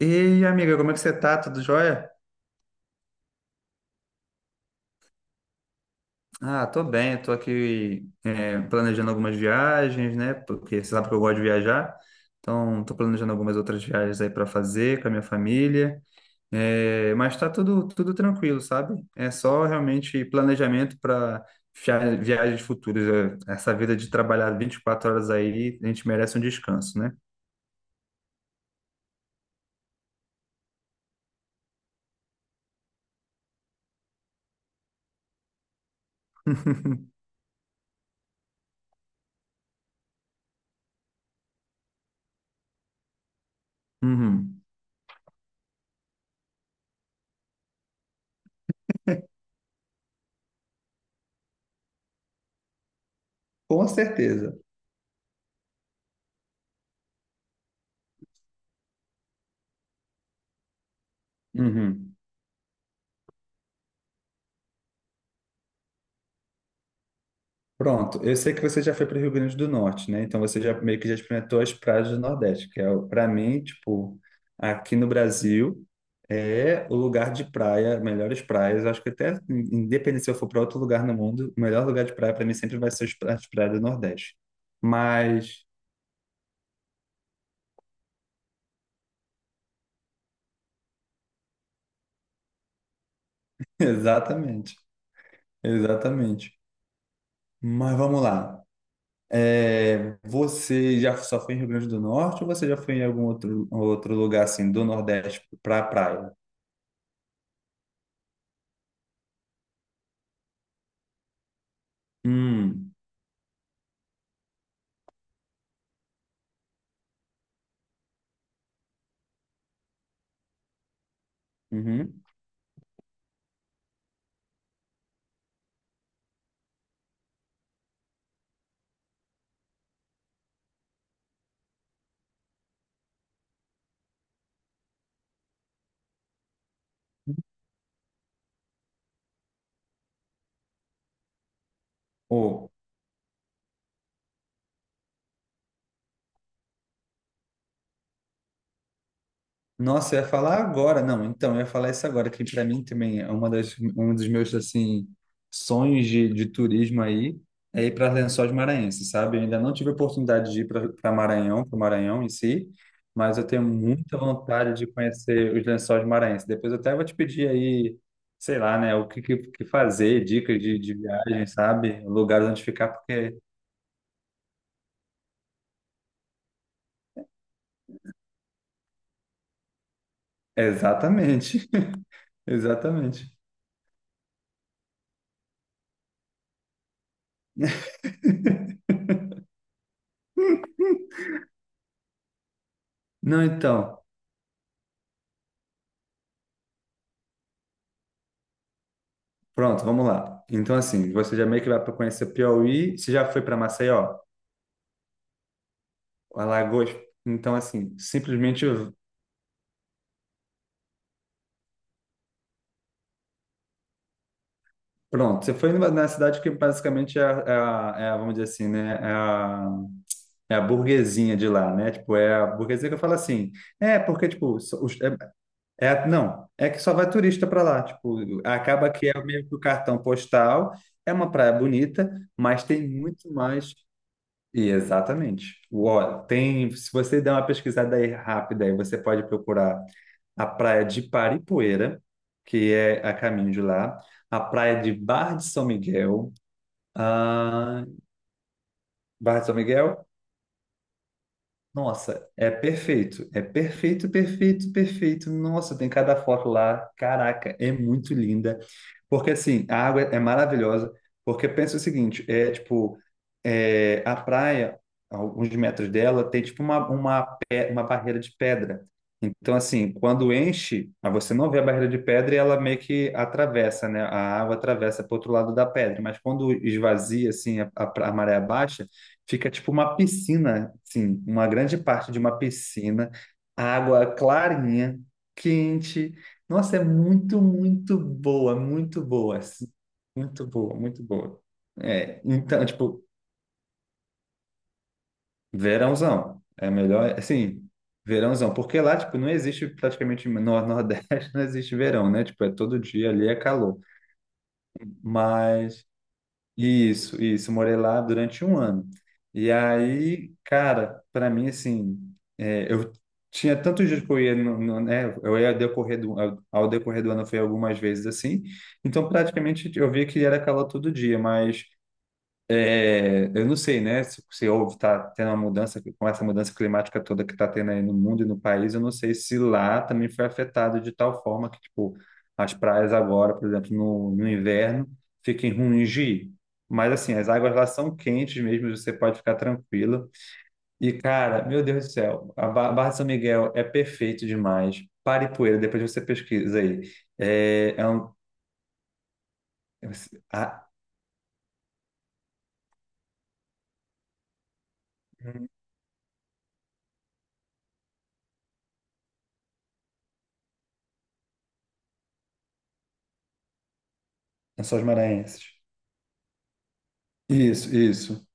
E amiga, como é que você tá? Tudo jóia? Tô bem, tô aqui planejando algumas viagens, né? Porque você sabe que eu gosto de viajar, então tô planejando algumas outras viagens aí para fazer com a minha família. É, mas tá tudo tranquilo, sabe? É só realmente planejamento para viagens futuras. É, essa vida de trabalhar 24 horas aí, a gente merece um descanso, né? Uhum. Com certeza. Uhum. Pronto, eu sei que você já foi para o Rio Grande do Norte, né? Então você já meio que já experimentou as praias do Nordeste, que é para mim, tipo, aqui no Brasil é o lugar de praia, melhores praias. Eu acho que até independente se eu for para outro lugar no mundo, o melhor lugar de praia para mim sempre vai ser as praias do Nordeste. Mas exatamente, exatamente. Mas vamos lá. É, você já só foi em Rio Grande do Norte ou você já foi em algum outro lugar assim do Nordeste para praia? Hum. Uhum. Ou, nossa, eu ia falar agora. Não, então, eu ia falar isso agora, que para mim também é uma das, um dos meus, assim, sonhos de turismo aí, é ir para Lençóis Maranhenses, sabe? Eu ainda não tive a oportunidade de ir para Maranhão, para o Maranhão em si, mas eu tenho muita vontade de conhecer os Lençóis Maranhenses. Depois eu até vou te pedir aí, sei lá, né, o que fazer, dicas de viagem, sabe? Lugares onde ficar, porque... é exatamente, exatamente. Não, então... Pronto, vamos lá. Então, assim, você já meio que vai para conhecer Piauí, você já foi para Maceió, Alagoas. Então, assim, simplesmente, pronto, você foi na cidade que basicamente vamos dizer assim, né? É a burguesinha de lá, né? Tipo, é a burguesia que eu falo assim. É, porque, tipo, não, é que só vai turista para lá. Tipo, acaba que é meio que o cartão postal, é uma praia bonita, mas tem muito mais. E exatamente. Ó, tem, se você der uma pesquisada aí rápida, aí você pode procurar a praia de Paripoeira, que é a caminho de lá, a praia de Barra de São Miguel. Ah, Barra de São Miguel? Nossa, é perfeito. É perfeito, perfeito, perfeito. Nossa, tem cada foto lá. Caraca, é muito linda. Porque assim, a água é maravilhosa, porque pensa o seguinte, é tipo, é, a praia, a alguns metros dela, tem tipo uma barreira de pedra. Então, assim, quando enche, aí você não vê a barreira de pedra e ela meio que atravessa, né? A água atravessa para o outro lado da pedra, mas quando esvazia, assim, a maré baixa, fica tipo uma piscina, assim, uma grande parte de uma piscina, água clarinha, quente, nossa, é muito boa, muito boa assim. Muito boa, muito boa. É, então, tipo, verãozão. É melhor, assim, verãozão. Porque lá, tipo, não existe praticamente no Nordeste, não existe verão, né? Tipo, é todo dia ali, é calor. Mas isso, isso. Morei lá durante um ano. E aí, cara, para mim, assim, é, eu tinha tantos dias que eu ia, né? Eu ia ao decorrer do ano, foi algumas vezes assim. Então, praticamente, eu via que era calor todo dia, mas é, eu não sei, né? Se houve, tá tendo uma mudança, com essa mudança climática toda que tá tendo aí no mundo e no país, eu não sei se lá também foi afetado de tal forma que, tipo, as praias agora, por exemplo, no inverno, fiquem ruins de ir. Mas, assim, as águas lá são quentes mesmo, você pode ficar tranquilo. E, cara, meu Deus do céu, a Barra de São Miguel é perfeito demais. Paripoeira, depois você pesquisa aí. É, é um... Ah, Lençóis Maranhenses. Isso, isso.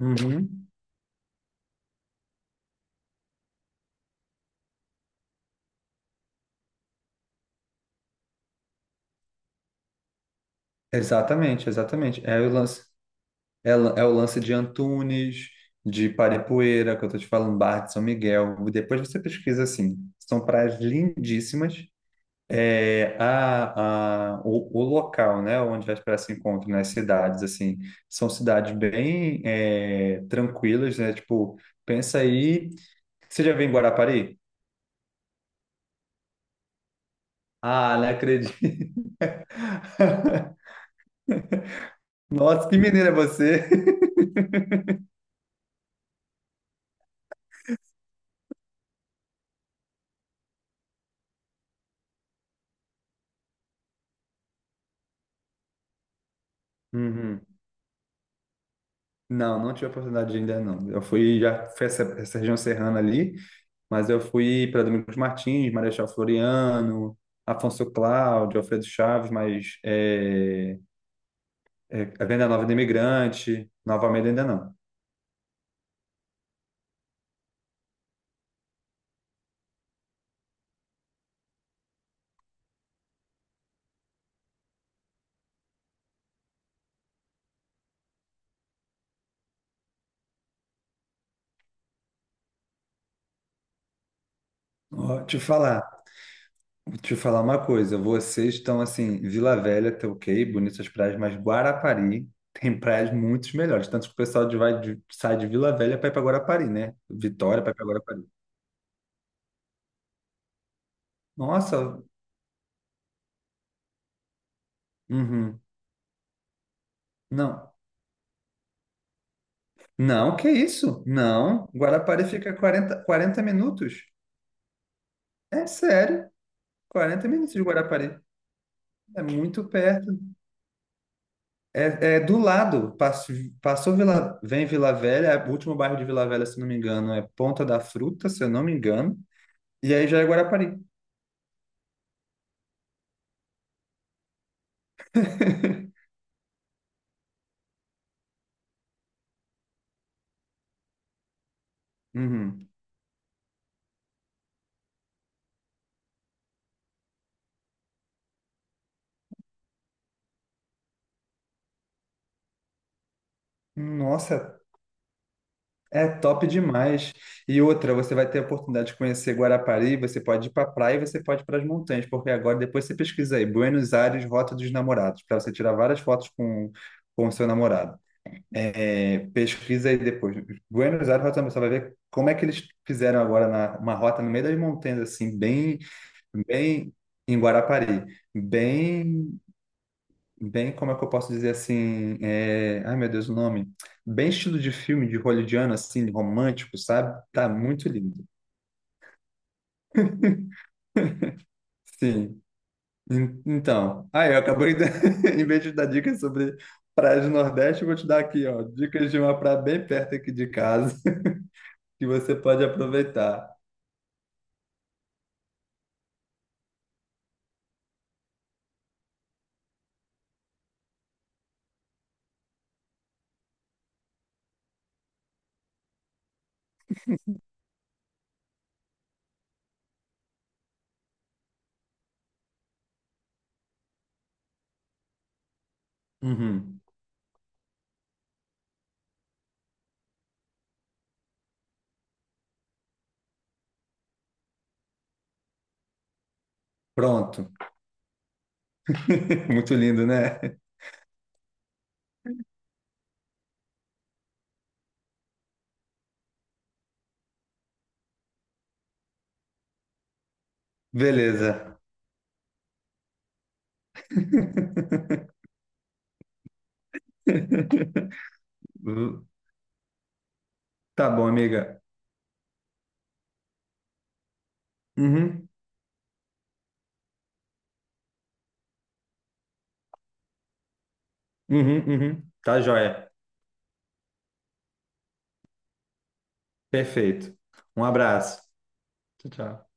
Uhum. Exatamente, exatamente. É o lance, é o lance de Antunes, de Paripoeira, que eu tô te falando, Barra de São Miguel. Depois você pesquisa assim. São praias lindíssimas. É, o local, né, onde as praias se encontram, nas cidades, assim, são cidades bem é, tranquilas, né? Tipo, pensa aí. Você já veio em Guarapari? Ah, não acredito. Nossa, que mineiro é você! Não, não tive a oportunidade de ainda não. Eu fui, já fui essa, essa região serrana ali, mas eu fui para Domingos Martins, Marechal Floriano, Afonso Cláudio, Alfredo Chaves, mas a Venda Nova do Imigrante, Nova Almeida ainda não. Ó, te falar uma coisa, vocês estão assim, Vila Velha, tá ok, bonitas praias, mas Guarapari tem praias muito melhores, tanto que o pessoal sai de Vila Velha para ir para Guarapari, né? Vitória para ir para Guarapari. Nossa, uhum. Não, não, que isso? Não. Guarapari fica 40, 40 minutos. É sério, quarenta minutos de Guarapari. É muito perto. É, é do lado. Passou, vem Vila Velha, é o último bairro de Vila Velha, se não me engano, é Ponta da Fruta, se eu não me engano. E aí já é Guarapari. Uhum. Nossa, é top demais. E outra, você vai ter a oportunidade de conhecer Guarapari, você pode ir para a praia e você pode ir para as montanhas, porque agora depois você pesquisa aí, Buenos Aires, Rota dos Namorados, para você tirar várias fotos com o seu namorado. É, pesquisa aí depois. Buenos Aires, Rota dos Namorados, você vai ver como é que eles fizeram agora na, uma rota no meio das montanhas, assim, bem, bem em Guarapari, bem como é que eu posso dizer assim? É, ai, meu Deus, o nome. Bem estilo de filme de hollywoodiano, assim, romântico, sabe? Tá muito lindo. Sim. Então, aí eu acabei, de... em vez de dar dicas sobre praias do Nordeste, eu vou te dar aqui, ó, dicas de uma praia bem perto aqui de casa, que você pode aproveitar. Uhum. Pronto. Muito lindo, né? Beleza. Tá bom, amiga. Uhum, uhum, uhum. Tá joia. Perfeito. Um abraço. Tchau, tchau.